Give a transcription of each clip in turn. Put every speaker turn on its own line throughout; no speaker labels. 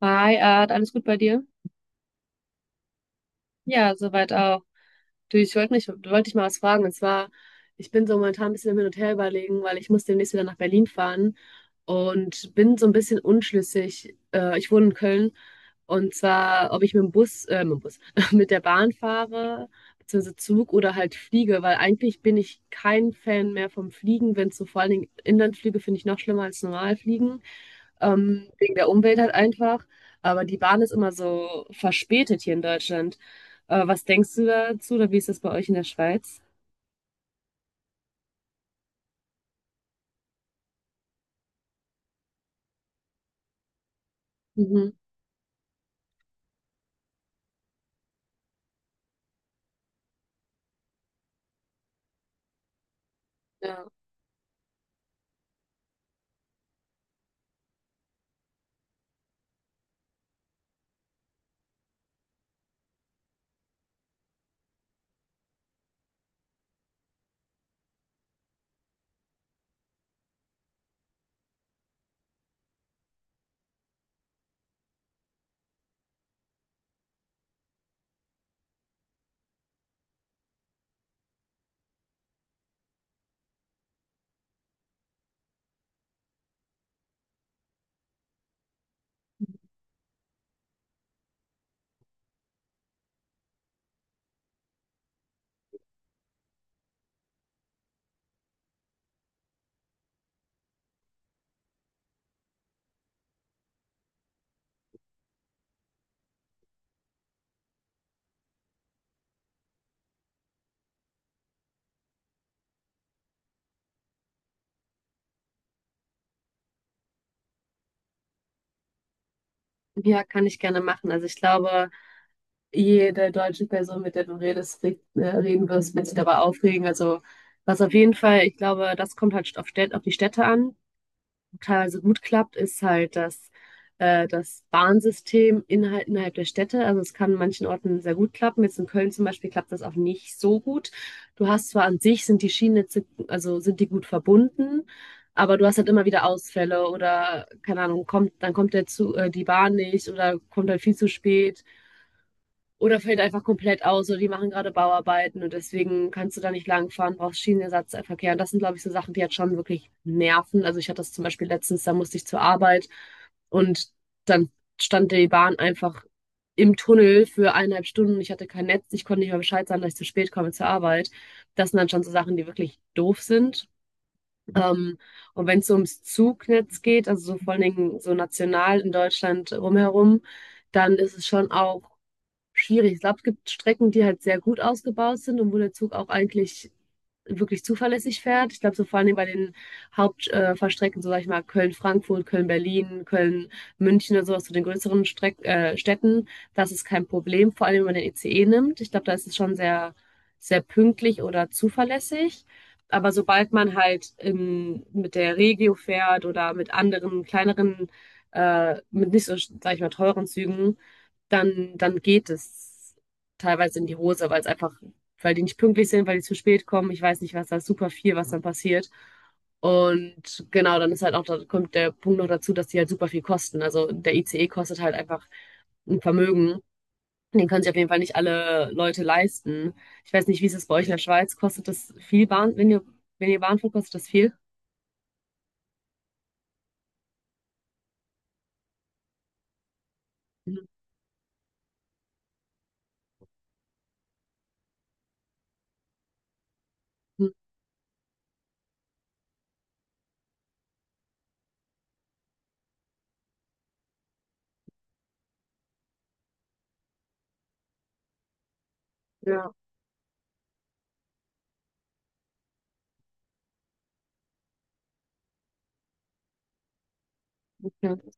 Hi, Art, alles gut bei dir? Ja, soweit auch. Du, wollte dich mal was fragen. Und zwar, ich bin so momentan ein bisschen im Hin und Her überlegen, weil ich muss demnächst wieder nach Berlin fahren und bin so ein bisschen unschlüssig. Ich wohne in Köln und zwar, ob ich mit dem Bus, mit der Bahn fahre, beziehungsweise Zug oder halt fliege, weil eigentlich bin ich kein Fan mehr vom Fliegen, wenn es so vor allen Dingen Inlandflüge finde ich noch schlimmer als normal fliegen. Wegen der Umwelt halt einfach. Aber die Bahn ist immer so verspätet hier in Deutschland. Was denkst du dazu oder wie ist das bei euch in der Schweiz? Mhm. Ja. Ja, kann ich gerne machen. Also ich glaube, jede deutsche Person, mit der du redest, reden wirst, wird sich dabei aufregen. Also was auf jeden Fall, ich glaube, das kommt halt auf auf die Städte an. Teilweise gut klappt, ist halt das, das Bahnsystem innerhalb der Städte. Also es kann an manchen Orten sehr gut klappen. Jetzt in Köln zum Beispiel klappt das auch nicht so gut. Du hast zwar an sich sind die Schienennetze, also sind die gut verbunden, aber du hast halt immer wieder Ausfälle oder keine Ahnung, dann kommt die Bahn nicht oder kommt halt viel zu spät. Oder fällt einfach komplett aus oder die machen gerade Bauarbeiten und deswegen kannst du da nicht langfahren, brauchst Schienenersatzverkehr. Und das sind, glaube ich, so Sachen, die halt schon wirklich nerven. Also ich hatte das zum Beispiel letztens, da musste ich zur Arbeit und dann stand die Bahn einfach im Tunnel für eineinhalb Stunden. Ich hatte kein Netz, ich konnte nicht mal Bescheid sagen, dass ich zu spät komme zur Arbeit. Das sind dann schon so Sachen, die wirklich doof sind. Ähm, und wenn es so ums Zugnetz geht, also so vor allen Dingen so national in Deutschland rumherum, dann ist es schon auch schwierig. Ich glaube, es gibt Strecken, die halt sehr gut ausgebaut sind und wo der Zug auch eigentlich wirklich zuverlässig fährt. Ich glaube, so vor allem bei den Fahrstrecken, so sag ich mal Köln-Frankfurt, Köln-Berlin, Köln-München oder sowas, zu den größeren Streck Städten, das ist kein Problem, vor allem wenn man den ICE nimmt. Ich glaube, da ist es schon sehr, sehr pünktlich oder zuverlässig. Aber sobald man halt mit der Regio fährt oder mit anderen kleineren, mit nicht so, sag ich mal, teuren Zügen, dann geht es teilweise in die Hose, weil die nicht pünktlich sind, weil die zu spät kommen. Ich weiß nicht, was da ist super viel, was dann passiert. Und genau, dann ist halt auch, da kommt der Punkt noch dazu, dass die halt super viel kosten. Also der ICE kostet halt einfach ein Vermögen. Den können sich auf jeden Fall nicht alle Leute leisten. Ich weiß nicht, wie ist es bei euch in der Schweiz? Kostet das viel Bahn, wenn ihr Bahn fahrt, kostet das viel? Mhm. Ja, okay.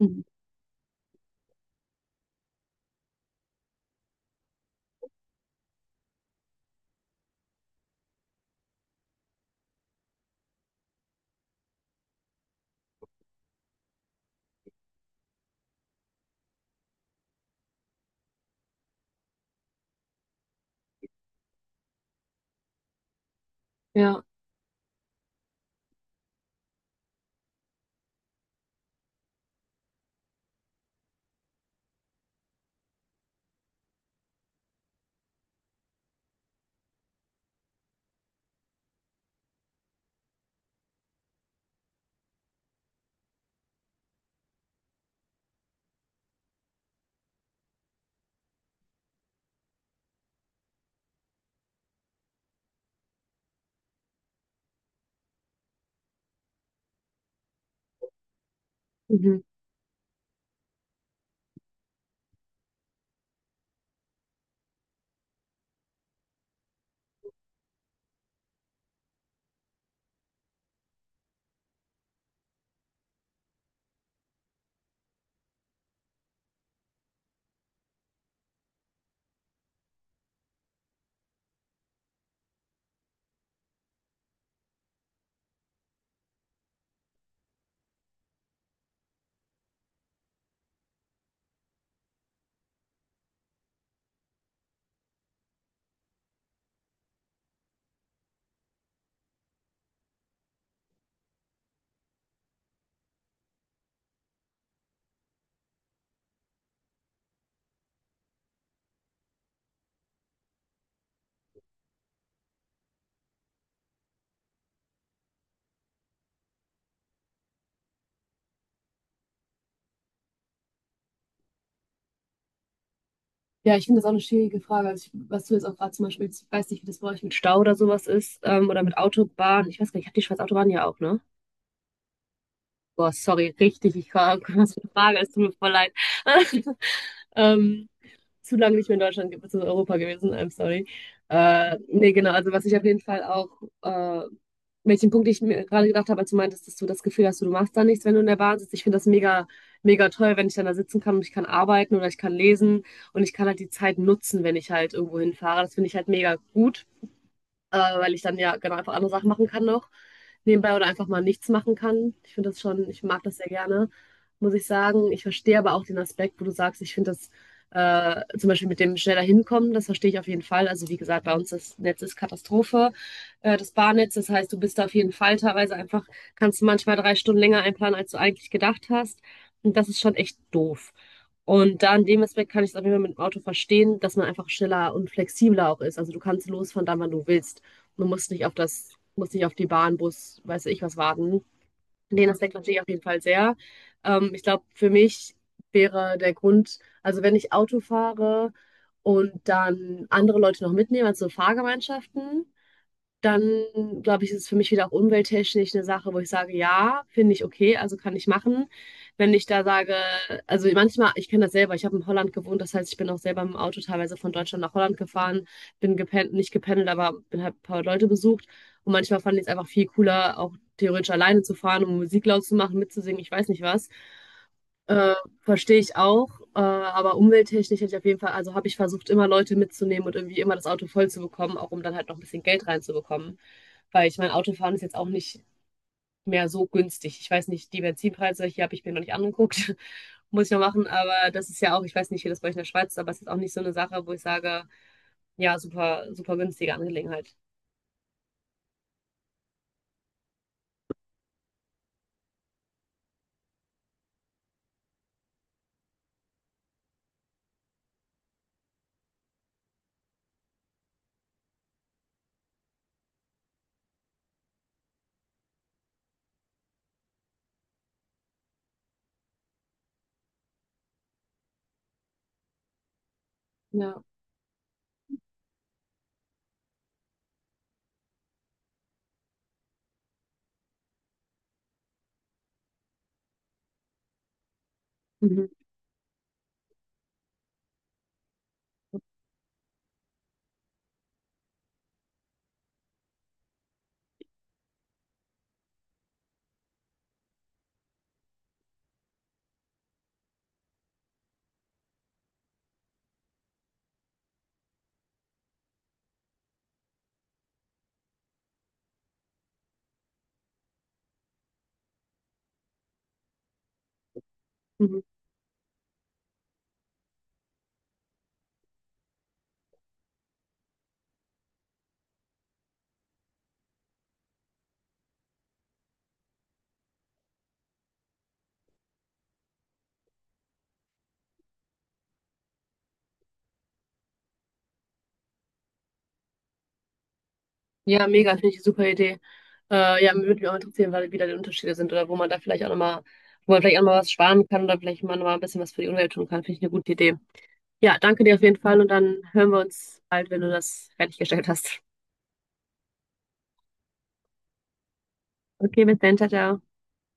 Mhm. Ja. Mhm. Ja, ich finde das auch eine schwierige Frage. Also ich, was du jetzt auch gerade zum Beispiel, ich weiß nicht, wie das bei euch mit Stau oder sowas ist, oder mit Autobahn. Ich weiß gar nicht, ich habe die Schweiz Autobahn ja auch, ne? Boah, sorry, richtig, was für eine Frage, es tut mir voll leid. Ähm, zu lange nicht mehr in Deutschland, beziehungsweise Europa gewesen, I'm sorry. Nee, genau, also was ich auf jeden Fall auch, äh, welchen Punkt ich mir gerade gedacht habe, als du meintest, dass du das Gefühl hast, du machst da nichts, wenn du in der Bahn sitzt. Ich finde das mega, mega toll, wenn ich dann da sitzen kann und ich kann arbeiten oder ich kann lesen und ich kann halt die Zeit nutzen, wenn ich halt irgendwo hinfahre. Das finde ich halt mega gut, weil ich dann ja genau einfach andere Sachen machen kann noch. Nebenbei oder einfach mal nichts machen kann. Ich finde das schon, ich mag das sehr gerne, muss ich sagen. Ich verstehe aber auch den Aspekt, wo du sagst, ich finde das, zum Beispiel mit dem schneller hinkommen, das verstehe ich auf jeden Fall. Also wie gesagt, bei uns das Netz ist Katastrophe, das Bahnnetz. Das heißt, du bist da auf jeden Fall teilweise einfach, kannst du manchmal drei Stunden länger einplanen, als du eigentlich gedacht hast. Und das ist schon echt doof. Und da in dem Aspekt kann ich es auf jeden Fall mit dem Auto verstehen, dass man einfach schneller und flexibler auch ist. Also du kannst los von da, wann du willst. Man muss nicht auf das, muss nicht auf die Bahn, Bus, weiß ich was warten. Den Aspekt verstehe ich auf jeden Fall sehr. Ich glaube, für mich wäre der Grund, also wenn ich Auto fahre und dann andere Leute noch mitnehme, also Fahrgemeinschaften, dann glaube ich, ist es für mich wieder auch umwelttechnisch eine Sache, wo ich sage, ja, finde ich okay, also kann ich machen. Wenn ich da sage, also manchmal, ich kenne das selber, ich habe in Holland gewohnt, das heißt, ich bin auch selber im Auto teilweise von Deutschland nach Holland gefahren, bin gepen nicht gependelt, aber bin halt ein paar Leute besucht und manchmal fand ich es einfach viel cooler, auch theoretisch alleine zu fahren, um Musik laut zu machen, mitzusingen, ich weiß nicht was. Äh, Verstehe ich auch, aber umwelttechnisch hätte ich auf jeden Fall, also habe ich versucht, immer Leute mitzunehmen und irgendwie immer das Auto voll zu bekommen, auch um dann halt noch ein bisschen Geld reinzubekommen. Weil ich meine, Autofahren ist jetzt auch nicht mehr so günstig. Ich weiß nicht, die Benzinpreise, hier habe ich mir noch nicht angeguckt, muss ich noch machen, aber das ist ja auch, ich weiß nicht, wie das bei euch in der Schweiz ist, aber es ist auch nicht so eine Sache, wo ich sage, ja, super, super günstige Angelegenheit. Ja, mhm. Mhm. Ja, mega, finde ich eine super Idee. Ja, würde mich auch interessieren, wie da die Unterschiede sind oder wo man da vielleicht auch nochmal, wo man vielleicht auch nochmal was sparen kann oder vielleicht man nochmal ein bisschen was für die Umwelt tun kann, finde ich eine gute Idee. Ja, danke dir auf jeden Fall und dann hören wir uns bald, wenn du das fertiggestellt hast. Okay, bis dann, ciao, ciao.